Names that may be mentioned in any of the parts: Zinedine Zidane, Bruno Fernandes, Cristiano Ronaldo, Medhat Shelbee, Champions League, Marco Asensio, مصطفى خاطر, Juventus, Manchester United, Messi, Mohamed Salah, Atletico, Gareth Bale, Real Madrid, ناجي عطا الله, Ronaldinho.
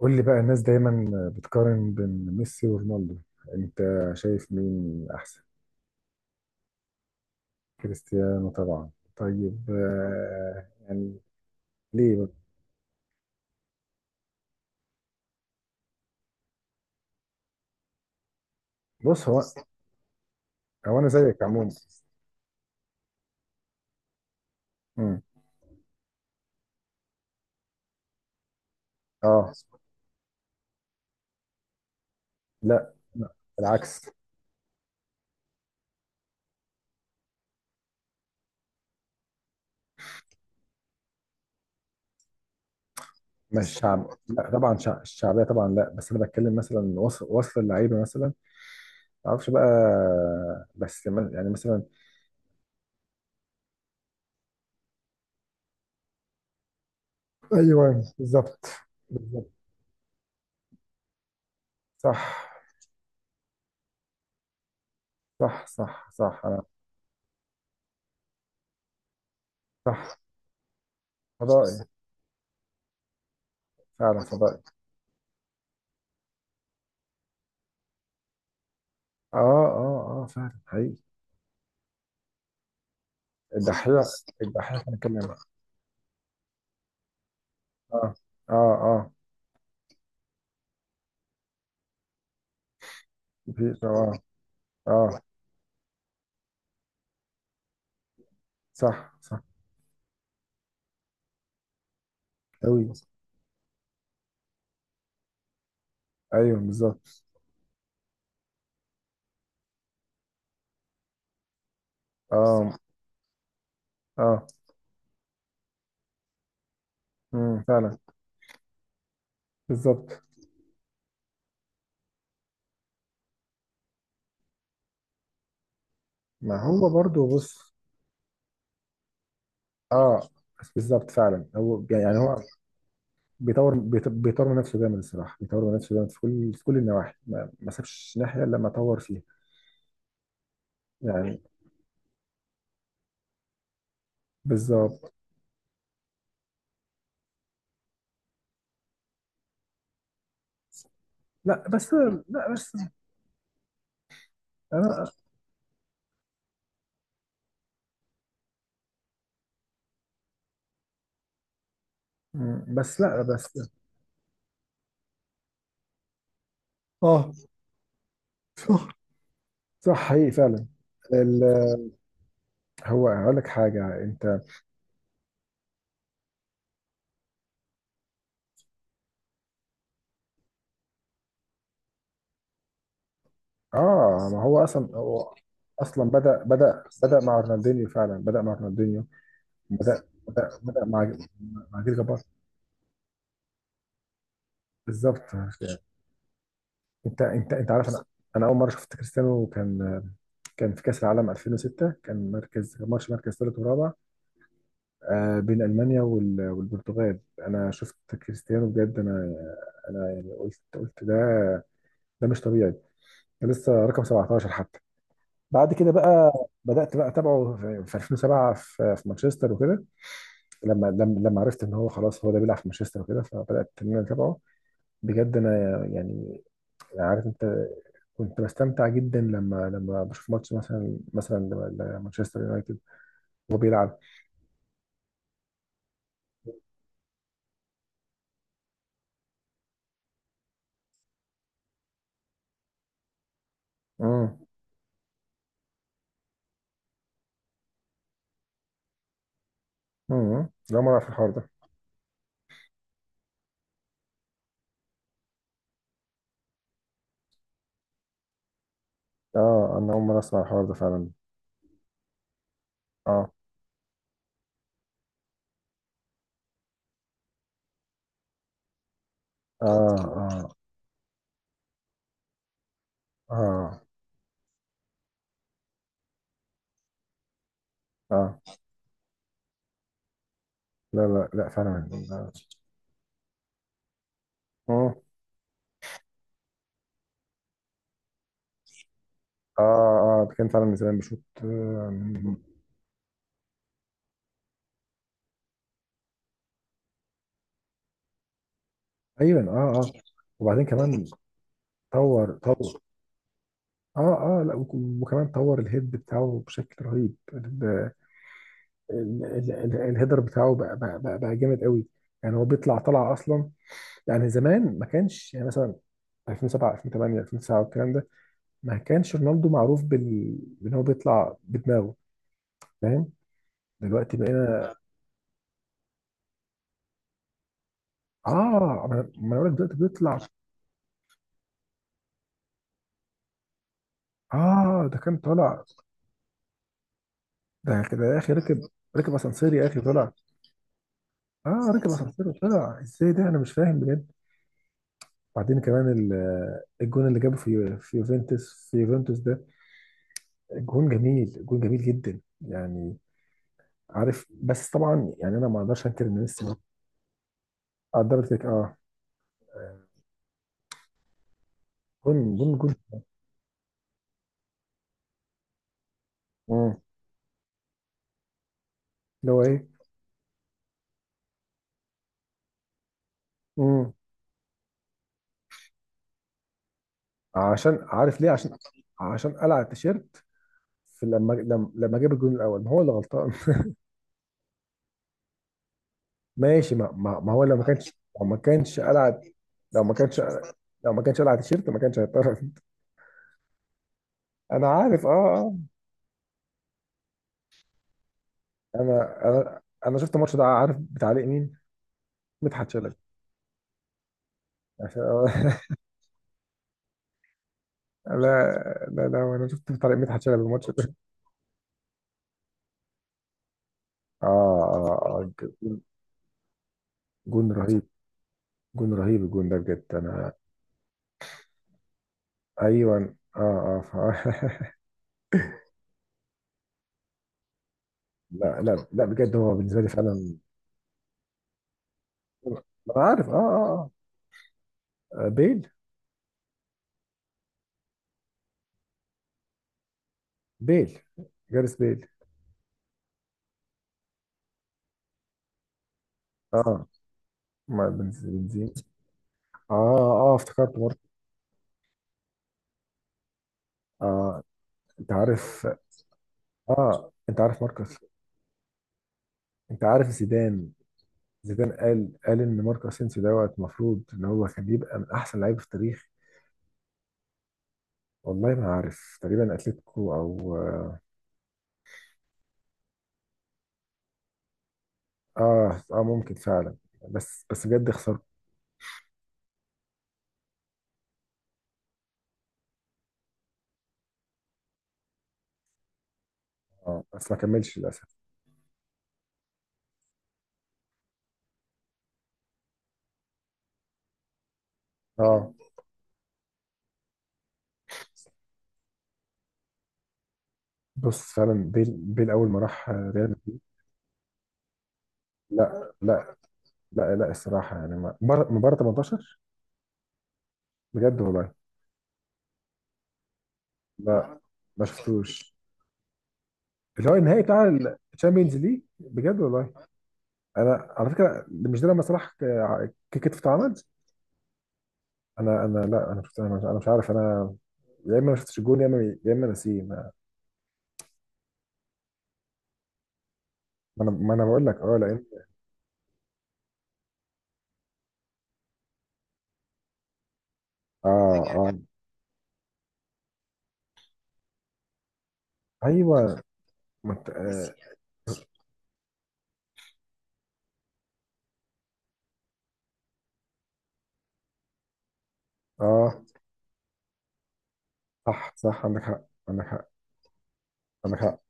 قول لي بقى، الناس دايما بتقارن بين ميسي ورونالدو. انت شايف مين احسن؟ كريستيانو طبعا. طيب، يعني ليه بقى؟ بص، هو انا زيك عموما. مم. اه، لا لا، العكس. مش شعب، لا طبعا، الشعبيه طبعا، لا. بس انا بتكلم مثلا، وصل اللعيبه مثلا. ما اعرفش بقى. بس، يعني مثلا. ايوه بالظبط. بالظبط. صح صح صح صح. انا صح. فضائي. فعلا فضائي. اه اه اه، فعلا حقيقي. الدحيح الدحيح كان كلام. اه اه اه. في اه اه. صح صح. أوي. ايوه بالظبط. اه اه. فعلا. بالظبط. ما هو برضو، بص. اه. بالظبط فعلا، هو بيطور، بيطور من نفسه جامد الصراحه. بيطور من نفسه جامد في كل النواحي، ما سابش ناحيه الا لما طور فيها. يعني بالظبط. لا بس. لا بس انا. بس لا بس. اه، صح حقيقي فعلا. ال- هو هقول لك حاجه. انت اه، ما هو اصلا هو، اصلا بدا مع رونالدينيو. فعلا بدا مع رونالدينيو. بدا مع جيل جبار. بالظبط. انت عارف. انا، انا اول مره شفت كريستيانو كان في كاس العالم 2006، كان مركز ماتش، مركز ثالث ورابع، آه، بين المانيا والبرتغال. انا شفت كريستيانو بجد. انا، انا يعني قلت ده، ده مش طبيعي، ده لسه رقم 17 حتى. بعد كده بقى بدات بقى اتابعه في 2007 في مانشستر وكده. لما عرفت ان هو خلاص هو ده بيلعب في مانشستر وكده، فبدات ان انا اتابعه بجد. انا يعني، عارف انت، كنت بستمتع جدا لما بشوف ماتش، مثلا لمانشستر يونايتد وهو بيلعب. امم لا، ما اعرف الحوار ده. اه، انا اول مره اسمع الحوار ده فعلا. اه اه اه. اه اه. لا لا لا، فعلا. اه اه اه. ده كان فعلا من زمان بشوط. ايوه اه اه. وبعدين كمان طور طور. اه اه، لا، وكمان طور الهيد بتاعه بشكل رهيب. الهيدر بتاعه بقى، بقى جامد قوي. يعني هو بيطلع، طلع اصلا. يعني زمان ما كانش، يعني مثلا 2007، 2008، 2009 والكلام ده، ما كانش رونالدو معروف بان هو بيطلع بدماغه. فاهم؟ دلوقتي بقينا، اه. ما انا بقول لك، دلوقتي بيطلع. اه، ده كان طالع. ده كده يا اخي ركب، ركب اسانسير يا اخي طالع. اه، ركب اسانسير وطلع ازاي ده؟ انا مش فاهم بجد. وبعدين كمان الجون اللي جابه في يوفنتوس، في يوفنتوس ده، جون جميل، جون جميل جدا يعني. عارف، بس طبعا يعني انا ما اقدرش انكر ان ميسي قدرت لك، اه. آه، جون جون جون. مم. اللي هو ايه؟ مم. عشان، عارف ليه؟ عشان، عشان قلع التيشيرت في لما جاب الجون الاول. ما هو اللي غلطان ماشي، ما هو لو ما كانش، لو ما كانش قلع، لو ما كانش، لو ما كانش قلع التيشيرت ما كانش هيضطر. انا عارف اه اه. انا انا انا شفت الماتش ده، عارف بتعليق مين؟ مدحت شلبي. عشان- لا لا لا، انا شفت بتعليق مدحت شلبي الماتش ده. اه اه اه، جون، جون رهيب. جون رهيب، الجون ده بجد انا. ايوه اه اه، لا لا لا، بجد هو بالنسبه لي فعلا. انا عارف اه اه. اه، بيل. بيل، جاريس بيل. اه، ما بنزين. اه. اه، افتكرت مارك. اه، انت عارف. اه، انت عارف ماركوس. انت عارف زيدان، زيدان قال ان ماركو اسينسيو دوت المفروض ان هو كان يبقى من احسن لعيبه في التاريخ. والله ما عارف، تقريبا اتلتيكو او. اه اه، ممكن فعلا. بس بجد خسرت. اه، بس ما كملش للاسف. اه، بص فعلا، بيل، اول ما راح ريال مدريد. لا لا. لا لا، الصراحه يعني، مباراه 18، بجد والله. لا، ما شفتوش، اللي هو النهائي بتاع الشامبيونز ليج، بجد والله. انا على فكره، مش ده لما صلاح كتف اتعمل؟ انا انا لا، انا شفت، انا مش, أنا مش عارف. انا يا اما ما شفتش الجون، يا اما، نسيه. ما ما انا بقول لك اه، لان، اه اه. ايوه، ما انت، اه، آه، صح صح، عندك حق. عندك حق. عندك حق.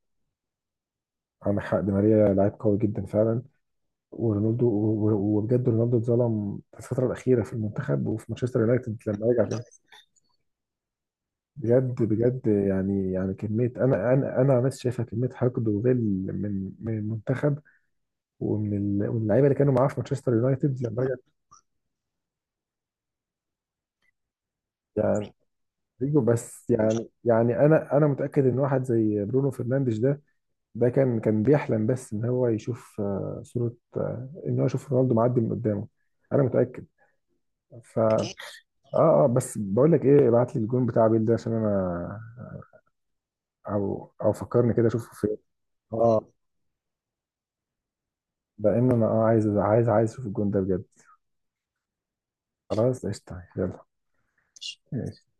عندك حق، دي ماريا لعيب قوي جدا فعلا. ورونالدو وبجد رونالدو اتظلم في الفتره الاخيره في المنتخب وفي مانشستر يونايتد لما رجع تاني. بجد بجد، يعني كميه، انا عن نفسي شايفها كميه حقد وغل من المنتخب، ومن ومن اللعيبه اللي كانوا معاه في مانشستر يونايتد لما رجع. يعني رودريجو. بس يعني، انا متاكد ان واحد زي برونو فرنانديز ده، ده كان بيحلم بس ان هو يشوف، صوره، ان هو يشوف رونالدو معدي من قدامه. انا متاكد. ف اه، بس بقول لك ايه، ابعت لي الجون بتاع بيل ده عشان انا، او فكرني كده اشوفه فين. لان انا، عايز، عايز اشوف الجون ده بجد. خلاص قشطه. يلا.